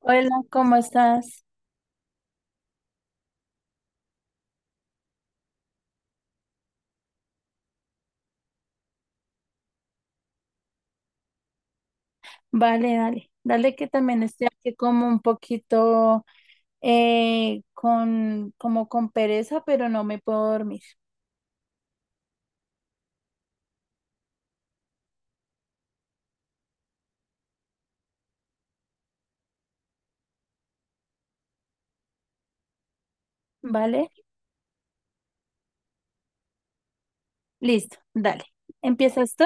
Hola, ¿cómo estás? Vale, dale. Dale que también estoy aquí como un poquito con, como con pereza, pero no me puedo dormir. ¿Vale? Listo, dale. ¿Empiezas tú?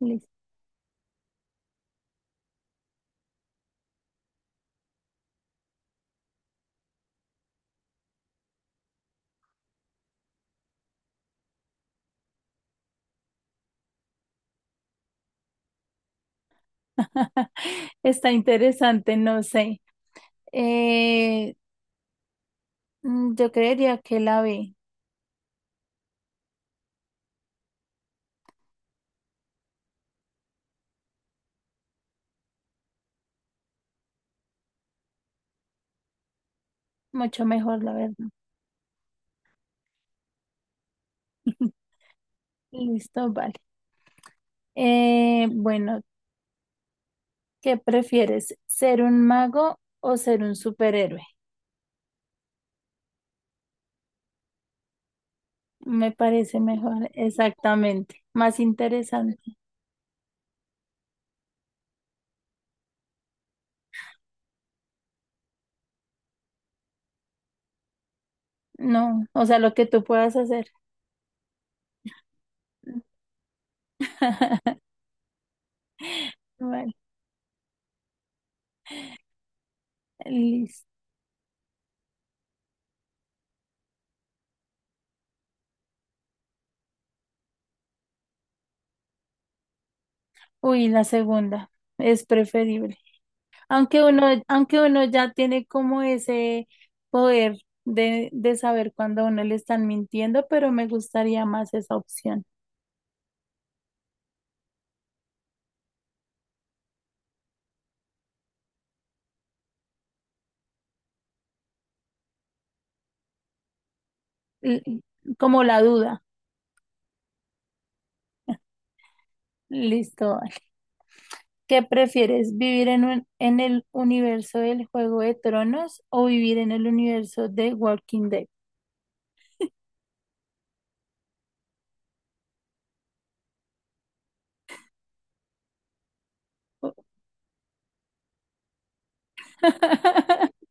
Listo. Está interesante, no sé. Eh, yo creería que la ve mucho mejor, la verdad. Listo, vale. Bueno, ¿qué prefieres? ¿Ser un mago o ser un superhéroe? Me parece mejor, exactamente, más interesante. No, o sea, lo que tú puedas hacer. Vale, listo. Uy, la segunda es preferible. Aunque uno ya tiene como ese poder de saber cuando a uno le están mintiendo, pero me gustaría más esa opción. L- como la duda. Listo. Vale. ¿Qué prefieres, vivir en en el universo del Juego de Tronos o vivir en el universo de Walking Dead?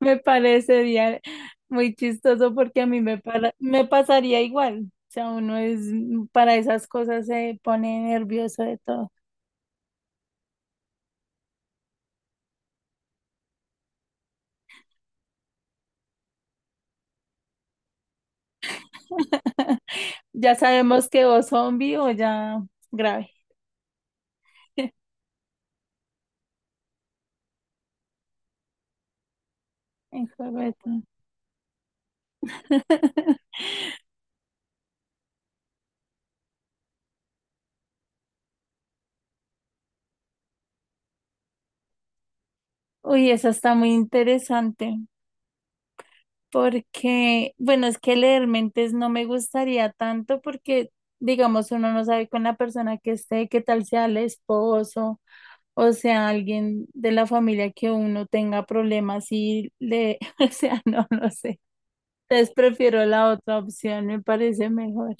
Me parece muy chistoso porque a me pasaría igual. O sea, uno es para esas cosas se pone nervioso de todo. Ya sabemos que o zombie o ya grave. En juego Uy, eso está muy interesante porque, bueno, es que leer mentes no me gustaría tanto porque, digamos, uno no sabe con la persona que esté, qué tal sea el esposo. O sea, alguien de la familia que uno tenga problemas y le, o sea, no, no sé. Entonces prefiero la otra opción, me parece mejor.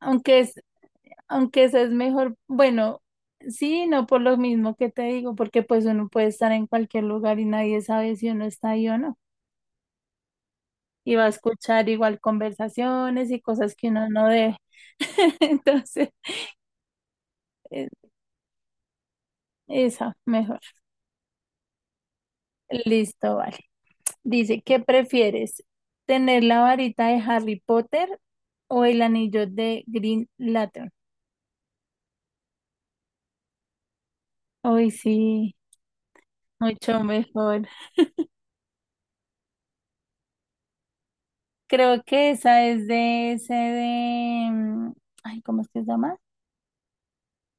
Aunque es, aunque esa es mejor, bueno, sí, no por lo mismo que te digo, porque pues uno puede estar en cualquier lugar y nadie sabe si uno está ahí o no. Y va a escuchar igual conversaciones y cosas que uno no debe. Entonces, eh, esa, mejor. Listo, vale. Dice, ¿qué prefieres? ¿Tener la varita de Harry Potter o el anillo de Green Lantern? Hoy sí, mucho mejor. Creo que esa es de ese ay, ¿cómo es que se llama?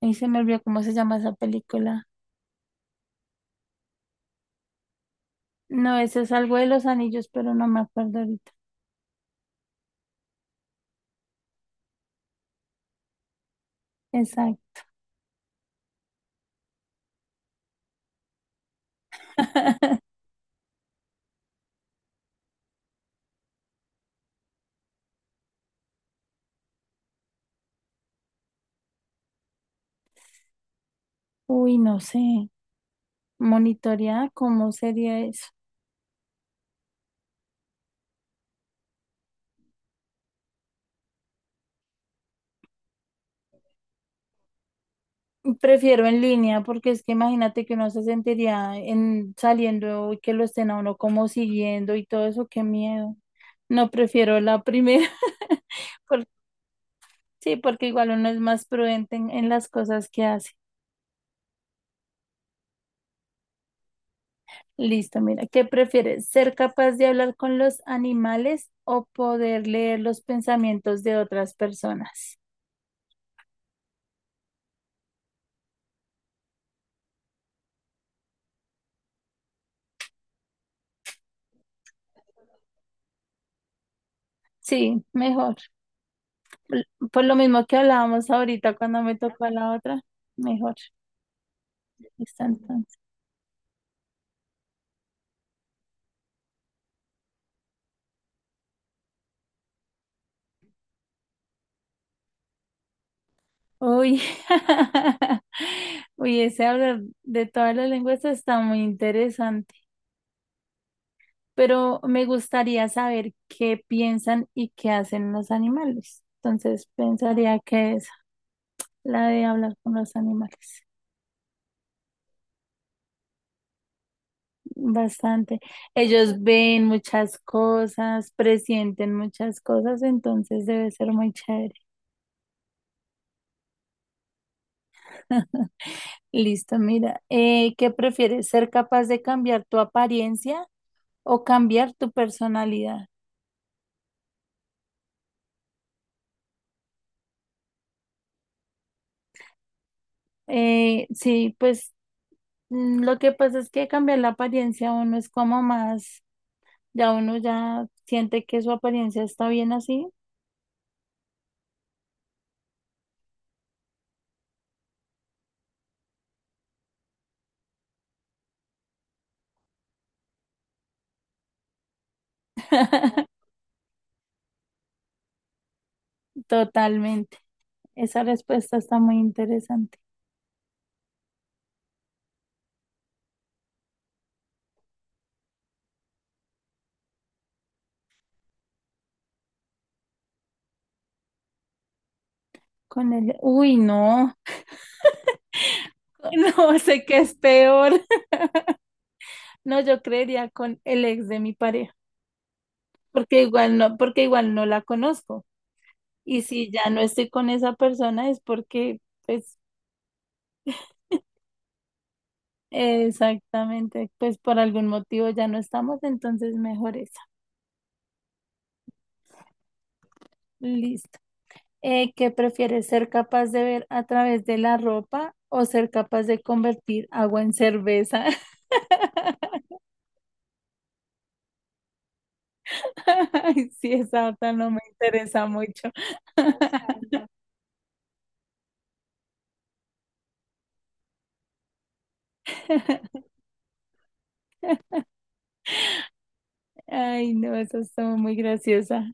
Ahí se me olvidó cómo se llama esa película. No, ese es algo de los anillos, pero no me acuerdo ahorita. Exacto. Uy, no sé. Monitorear, ¿cómo sería eso? Prefiero en línea porque es que imagínate que uno se sentiría en saliendo y que lo estén a uno como siguiendo y todo eso, qué miedo. No prefiero la primera. por- sí, porque igual uno es más prudente en las cosas que hace. Listo, mira, ¿qué prefieres? ¿Ser capaz de hablar con los animales o poder leer los pensamientos de otras personas? Sí, mejor. Por por lo mismo que hablábamos ahorita cuando me tocó la otra, mejor. Listo, entonces. Uy, uy, ese hablar de todas las lenguas está muy interesante, pero me gustaría saber qué piensan y qué hacen los animales. Entonces pensaría que es la de hablar con los animales. Bastante. Ellos ven muchas cosas, presienten muchas cosas, entonces debe ser muy chévere. Listo, mira, ¿qué prefieres? ¿Ser capaz de cambiar tu apariencia o cambiar tu personalidad? Sí, pues lo que pasa es que cambiar la apariencia uno es como ya uno ya siente que su apariencia está bien así. Totalmente. Esa respuesta está muy interesante. Con el, uy, no, no sé qué es peor. No, yo creería con el ex de mi pareja, porque igual no la conozco. Y si ya no estoy con esa persona es porque, pues, exactamente, pues por algún motivo ya no estamos, entonces mejor es. Listo. ¿Qué prefieres, ser capaz de ver a través de la ropa o ser capaz de convertir agua en cerveza? Ay, sí, esa otra no me interesa mucho. Ay, no, esa estuvo muy graciosa.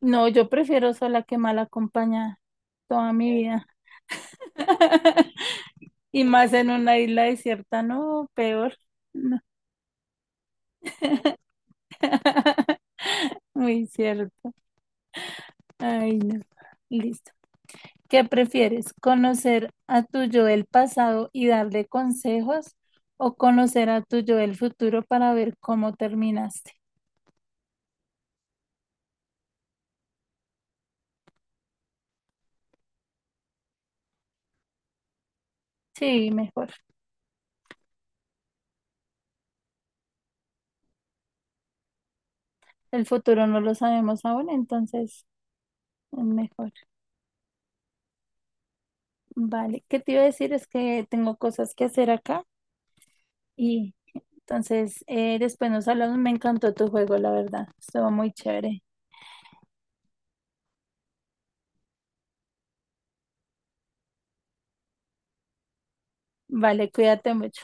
No, yo prefiero sola que mal acompañada toda mi vida. Y más en una isla desierta, no, peor. No. Muy cierto. Ay, no. Listo. ¿Qué prefieres? ¿Conocer a tu yo del pasado y darle consejos o conocer a tu yo del futuro para ver cómo terminaste? Sí, mejor. El futuro no lo sabemos aún, entonces es mejor. Vale. ¿Qué te iba a decir? Es que tengo cosas que hacer acá y entonces después nos hablamos. Me encantó tu juego, la verdad. Estuvo muy chévere. Vale, cuídate mucho.